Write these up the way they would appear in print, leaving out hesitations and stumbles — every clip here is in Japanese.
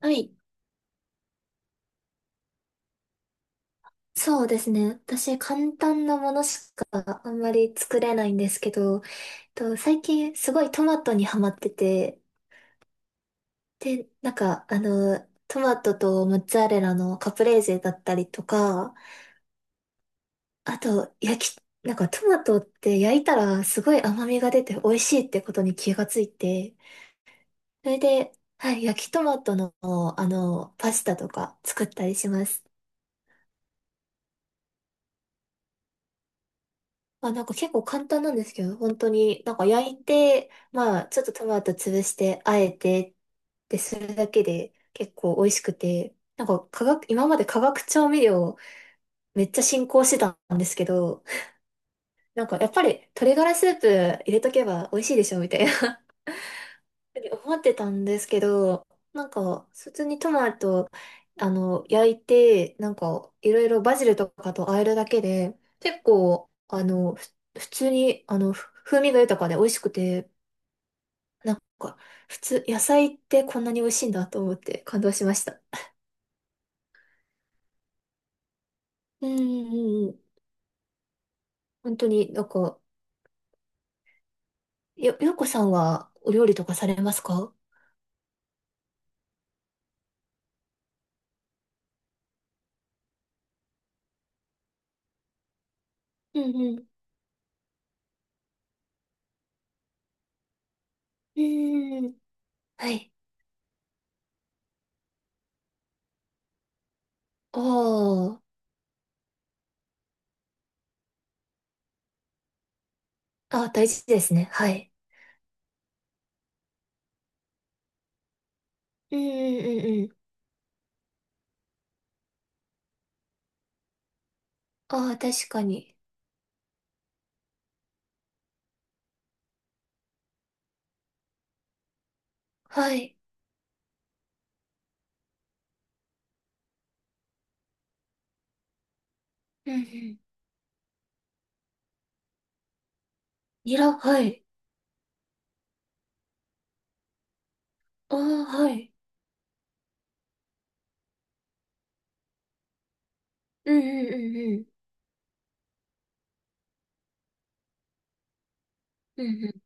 はい。そうですね。私、簡単なものしかあんまり作れないんですけど、最近すごいトマトにハマってて、で、なんか、トマトとモッツァレラのカプレーゼだったりとか、あと、なんかトマトって焼いたらすごい甘みが出て美味しいってことに気がついて、それで、はい、焼きトマトの、パスタとか作ったりします。あ、なんか結構簡単なんですけど、本当に、なんか焼いて、まあ、ちょっとトマト潰して、あえてってするだけで結構美味しくて、なんか化学、今まで化学調味料めっちゃ進行してたんですけど、なんかやっぱり鶏ガラスープ入れとけば美味しいでしょみたいな思ってたんですけど、なんか、普通にトマト、焼いて、なんか、いろいろバジルとかと和えるだけで、結構、普通に、風味が豊かで美味しくて、なんか、普通、野菜ってこんなに美味しいんだと思って感動しました。うんうんうん。本当に、なんか、ようこさんはお料理とかされますか？うんうん。うんうんうん。はい。ああ、あ、大事ですね。はい。うんうんうんうん。ああ、確かに。はい。うんうん。ニラ、はい。ああ、はい。うんうんうんうん。うんうん。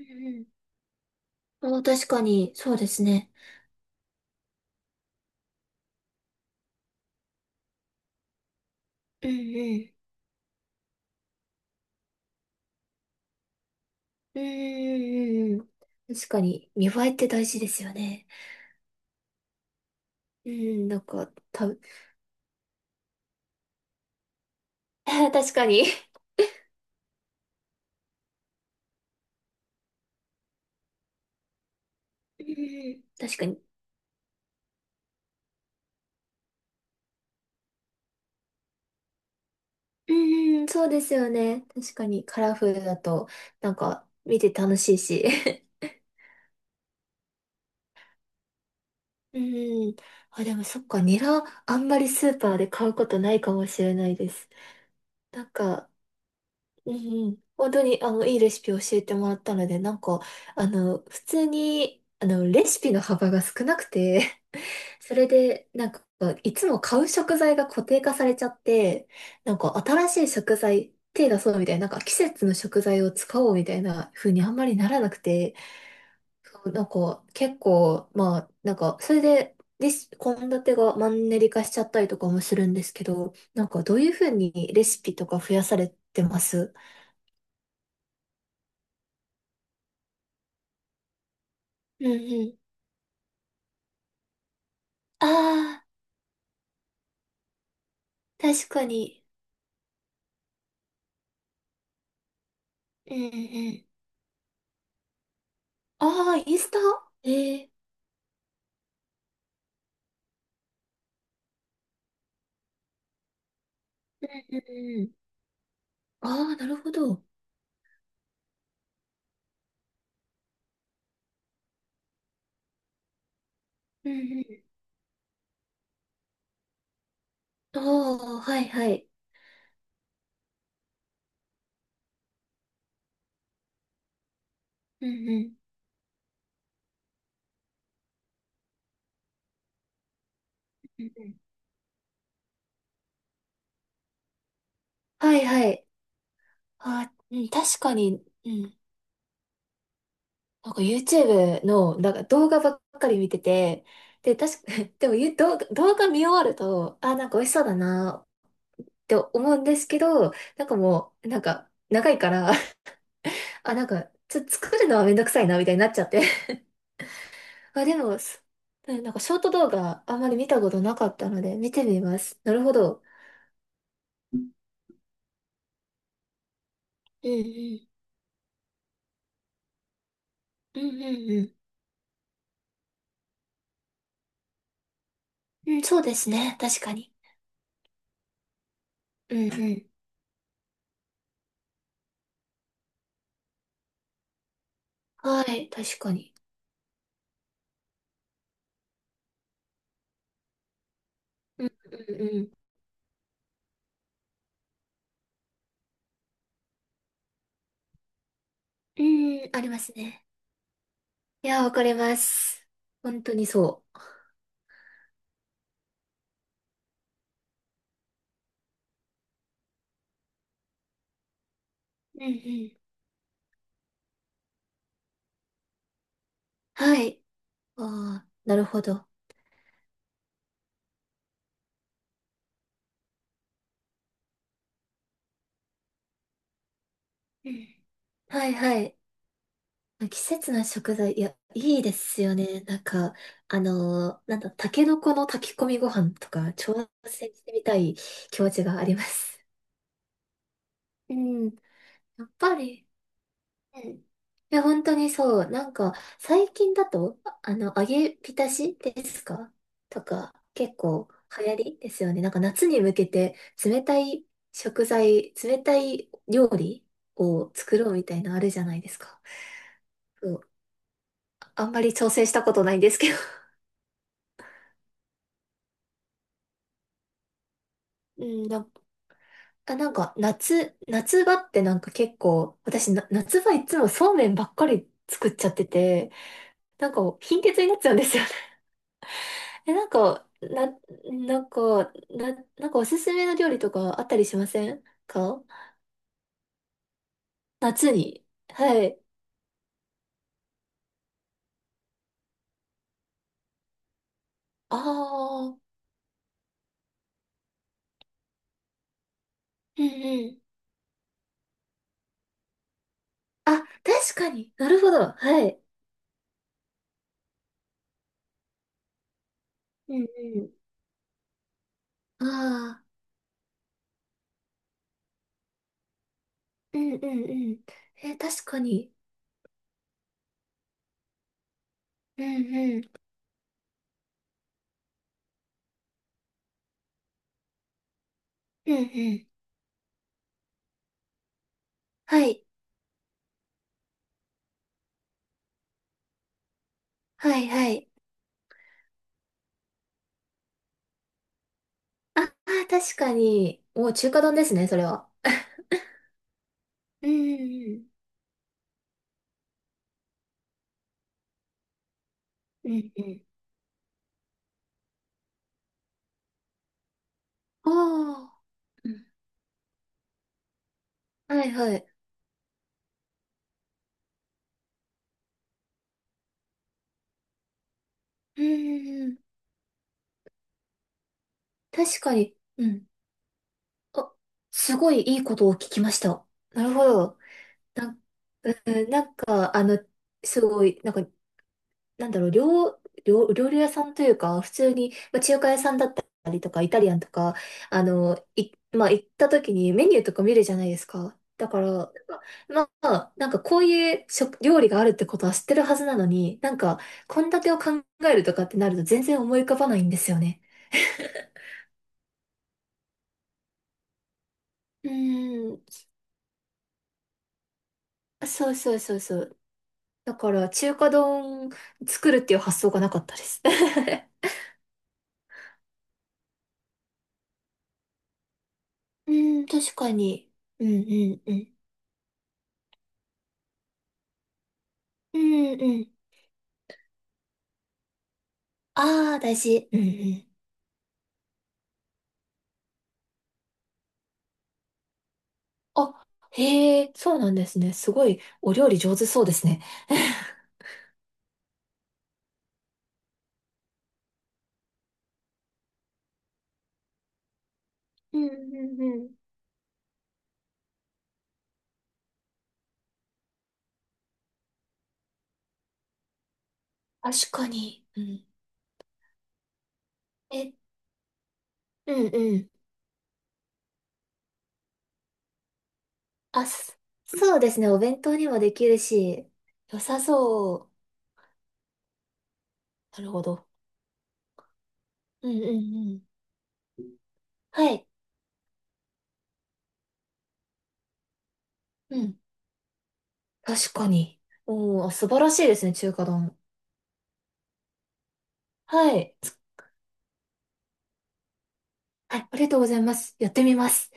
うんうん。ああ、確かに、そうですね。うんうん。うんうんうんうん。確かに、見栄えって大事ですよね。うん、なんか、た、確かに。うんうん確かに。うんうん、そうですよね。確かに、カラフルだと、なんか、見て楽しいし。うん。あ、でもそっか、ニラ、あんまりスーパーで買うことないかもしれないです。なんか、うんうん、本当にあのいいレシピ教えてもらったので、なんか、普通に、レシピの幅が少なくて、それで、なんか、いつも買う食材が固定化されちゃって、なんか、新しい食材、手出そうみたいな、なんか、季節の食材を使おうみたいな風にあんまりならなくて、そうなんか、結構、まあ、なんか、それで、献立がマンネリ化しちゃったりとかもするんですけど、なんか、どういう風にレシピとか増やされてます？うんうん。ああ、確かに。うんうんうん。ああ、インスタええうんうんうん。ああ、なるほど。うんうん。ああ、はいはい。うんうん。うんうんはいはい。ああ、うん、確かに、うん。なんか YouTube の、なんか動画ばっかり見てて、で、確か、でもゆ動画、動画見終わると、ああ、なんか美味しそうだなって思うんですけど、なんかもう、なんか長いから、あ、なんか、作るのはめんどくさいな、みたいになっちゃって。あ、でも、うんなんかショート動画あんまり見たことなかったので見てみます。なるほど。うんうん。うんうんうん。うん、そうですね。確かに。うんうん。はい、確かに。うんうんうん。うん、ありますね。いや、わかります。本当にそう。うんうん。はい。ああ、なるほど。うん。はいはい。季節の食材、いや、いいですよね。なんか、なんだ、タケノコの炊き込みご飯とか、挑戦してみたい気持ちがあります。うん、やっぱり、うんいや、本当にそう。なんか、最近だと、揚げ浸しですかとか、結構流行りですよね。なんか、夏に向けて、冷たい食材、冷たい料理を作ろうみたいなのあるじゃないですか。そうあんまり挑戦したことないんですけど。うん、あ、なんか夏場ってなんか結構、私、夏場いつもそうめんばっかり作っちゃってて、なんか貧血になっちゃうんですよね。え、なんか、なんかおすすめの料理とかあったりしませんか？夏に。はい。ああ、うんうん。あ、確かに。なるほど。はい。うんうん。ああ、うんうんうん。え、確かに。うんうん。うんうん。はい。はいはい。ああー、確かに。もう中華丼ですね、それは。うんうんうん。うんうん。ああ。うんはいはい。うんうんうん。確かに。うん。あ、すごいいいことを聞きました。なるほど。なん、うん、なんか、すごい、なんかなんだろう、料理屋さんというか、普通に、まあ、中華屋さんだったりとか、イタリアンとか、まあ、行った時にメニューとか見るじゃないですか。だから、なんかまあ、なんかこういう料理があるってことは知ってるはずなのに、なんか、献立を考えるとかってなると全然思い浮かばないんですよね。うーん、そうそうそうそう。だから、中華丼作るっていう発想がなかったです。うん、確かに。うんうんうん。うんうんああ、大事。うんうん。あ、へえ、そうなんですね。すごい、お料理上手そうですね。うんうんうん。確かに。うん。え、うんうん。あ、そうですね。お弁当にもできるし、良さそう。なるほど。うんうんうん。はい。うん。確かに。おー、素晴らしいですね、中華丼。はい。はい、ありがとうございます。やってみます。